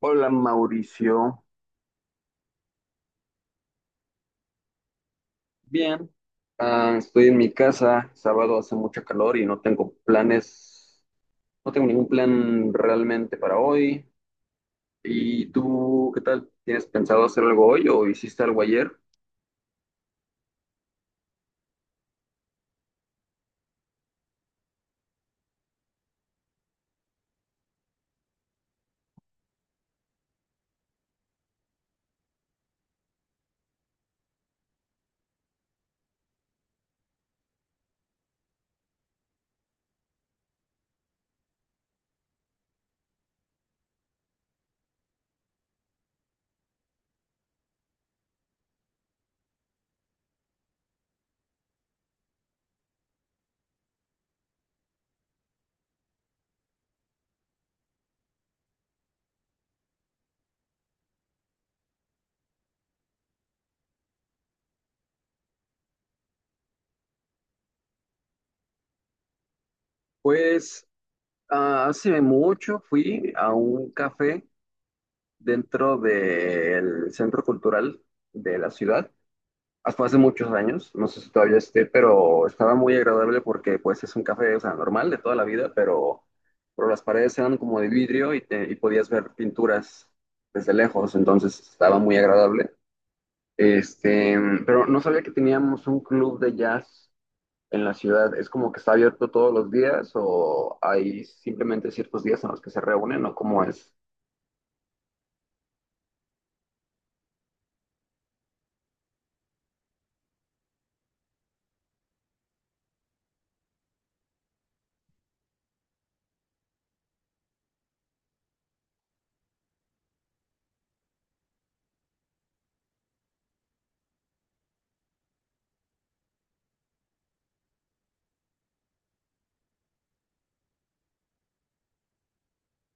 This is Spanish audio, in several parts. Hola, Mauricio. Bien, estoy en mi casa, sábado, hace mucho calor y no tengo planes, no tengo ningún plan realmente para hoy. ¿Y tú qué tal? ¿Tienes pensado hacer algo hoy o hiciste algo ayer? Pues hace mucho fui a un café dentro del centro cultural de la ciudad hasta hace muchos años, no sé si todavía esté, pero estaba muy agradable porque pues es un café, o sea, normal de toda la vida, pero las paredes eran como de vidrio y, y podías ver pinturas desde lejos, entonces estaba muy agradable. Este, pero no sabía que teníamos un club de jazz en la ciudad. ¿Es como que está abierto todos los días o hay simplemente ciertos días en los que se reúnen o cómo es?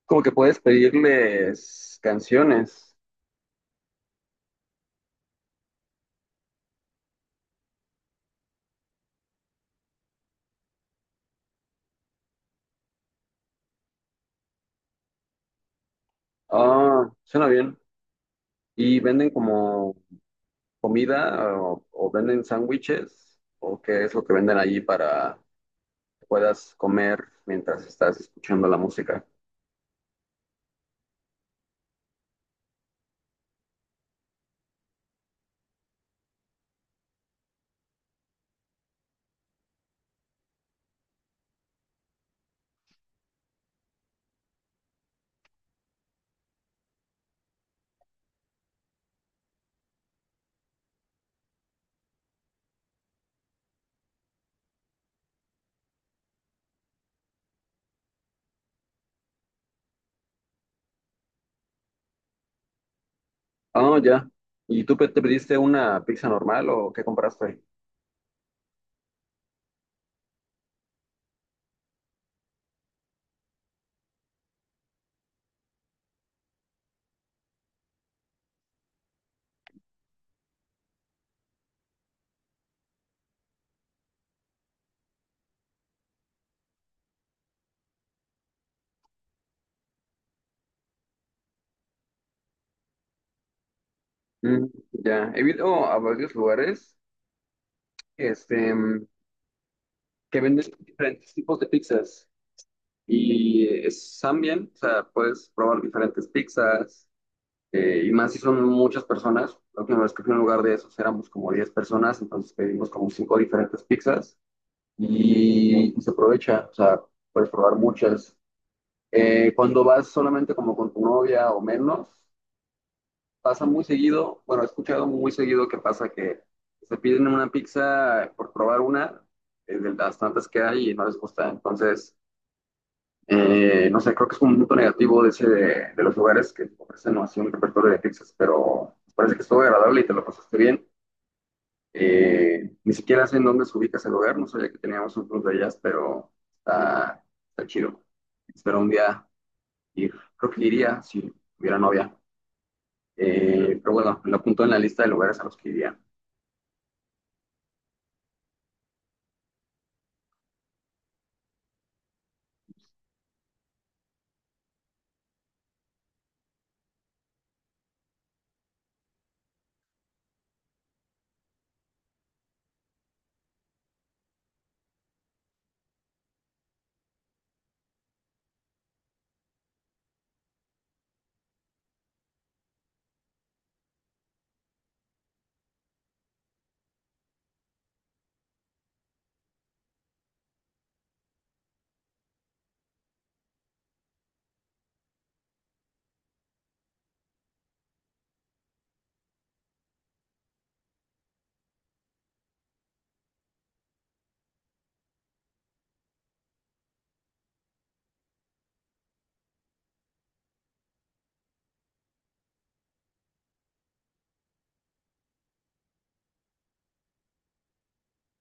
Como que puedes pedirles canciones. Ah, suena bien. Y venden como comida o venden sándwiches o qué es lo que venden allí para que puedas comer mientras estás escuchando la música. Ah, ya. ¿Y tú te pediste una pizza normal o qué compraste? Mm, ya. He ido a varios lugares este, mm, que venden diferentes tipos de pizzas y están bien, o sea, puedes probar diferentes pizzas. Eh, y más si son muchas personas, la última vez que fui a un lugar de esos éramos como 10 personas, entonces pedimos como 5 diferentes pizzas y se aprovecha, o sea, puedes probar muchas. Cuando vas solamente como con tu novia o menos, pasa muy seguido, bueno, he escuchado muy seguido que pasa que se piden una pizza por probar una, de las tantas que hay y no les gusta. Entonces, no sé, creo que es un punto negativo de ese de los lugares que ofrecen así un repertorio de pizzas, pero parece que estuvo agradable y te lo pasaste bien. Ni siquiera sé en dónde se ubica ese lugar, no sabía que teníamos un club de jazz, pero está, está chido. Espero un día ir. Creo que iría si hubiera novia. Pero bueno, lo apunto en la lista de lugares a los que iría.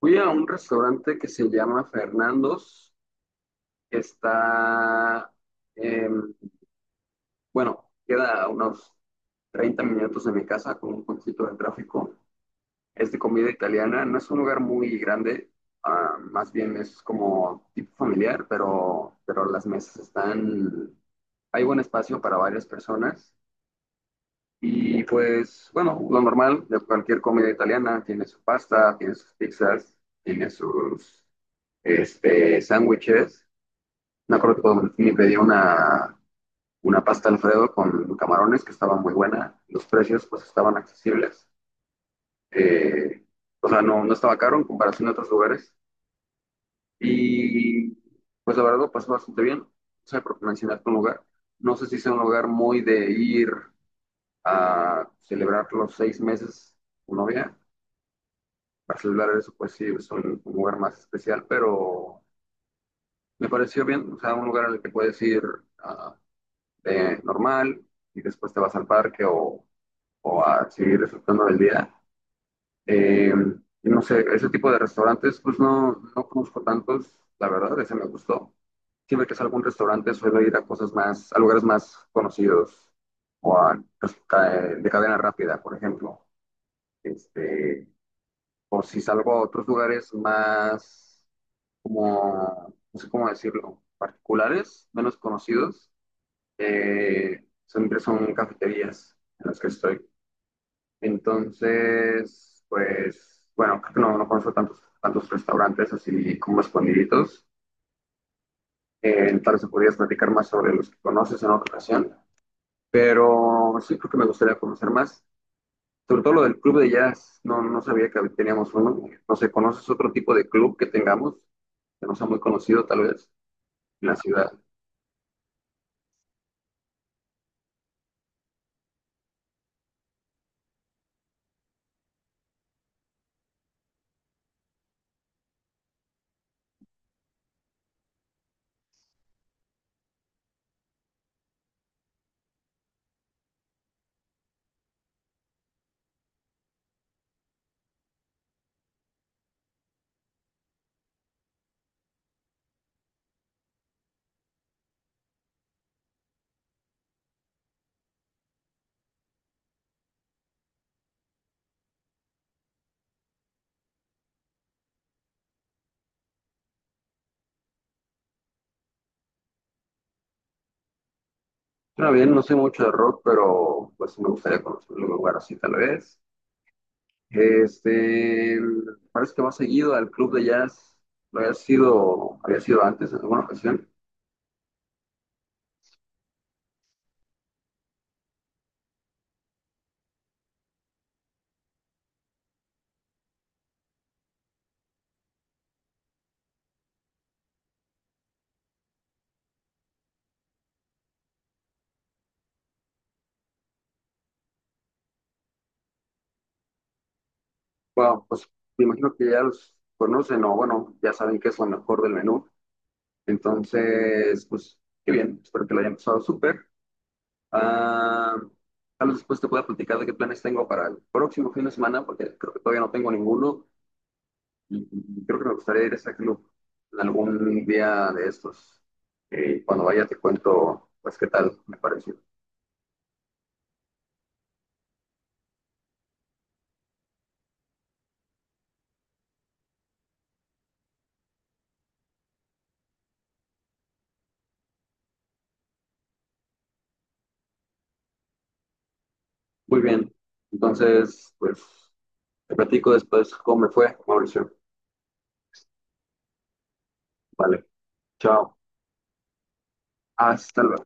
Fui a un restaurante que se llama Fernando's, que está, eh, bueno, queda a unos 30 minutos de mi casa con un poquito de tráfico. Es de comida italiana. No es un lugar muy grande, ah, más bien es como tipo familiar, pero las mesas están, hay buen espacio para varias personas. Y pues, bueno, lo normal de cualquier comida italiana, tiene su pasta, tiene sus pizzas, tiene sus sándwiches. Me acuerdo que me pedí una pasta Alfredo con camarones que estaba muy buena. Los precios pues estaban accesibles. Eh, o sea, no estaba caro en comparación a otros lugares. Y pues la verdad lo pasé bastante bien. O sea, porque mencionaste un lugar. No sé si sea un lugar muy de ir a celebrar los 6 meses con novia. Para celebrar eso, pues sí, es un lugar más especial, pero me pareció bien. O sea, un lugar al que puedes ir ah, de normal y después te vas al parque o a seguir disfrutando del día. Eh, y no sé, ese tipo de restaurantes, pues no conozco tantos, la verdad, ese me gustó. Siempre que salgo a un restaurante suelo ir a cosas más, a lugares más conocidos o a, pues, de cadena rápida, por ejemplo. Este, o si salgo a otros lugares más como, no sé cómo decirlo, particulares, menos conocidos, siempre son cafeterías en las que estoy. Entonces, pues, bueno, creo que no conozco tantos restaurantes así como escondiditos. Tal vez podrías platicar más sobre los que conoces en otra ocasión. Pero sí creo que me gustaría conocer más. Sobre todo lo del club de jazz, no sabía que teníamos uno. No sé, ¿conoces otro tipo de club que tengamos? Que no sea muy conocido, tal vez en la ciudad. Suena bien, no sé mucho de rock, pero pues sí me gustaría conocer un lugar así tal vez. Este, Parece que va seguido al club de jazz. Había sido antes en alguna ocasión. Bueno, pues me imagino que ya los conocen o bueno, ya saben qué es lo mejor del menú. Entonces, pues, qué bien, espero que lo hayan pasado súper. Ah, tal vez después te pueda platicar de qué planes tengo para el próximo fin de semana, porque creo que todavía no tengo ninguno y creo que me gustaría ir a ese club en algún día de estos. Cuando vaya te cuento, pues, qué tal me pareció. Muy bien, entonces, pues, te platico después cómo me fue, Mauricio. Vale, chao, hasta luego.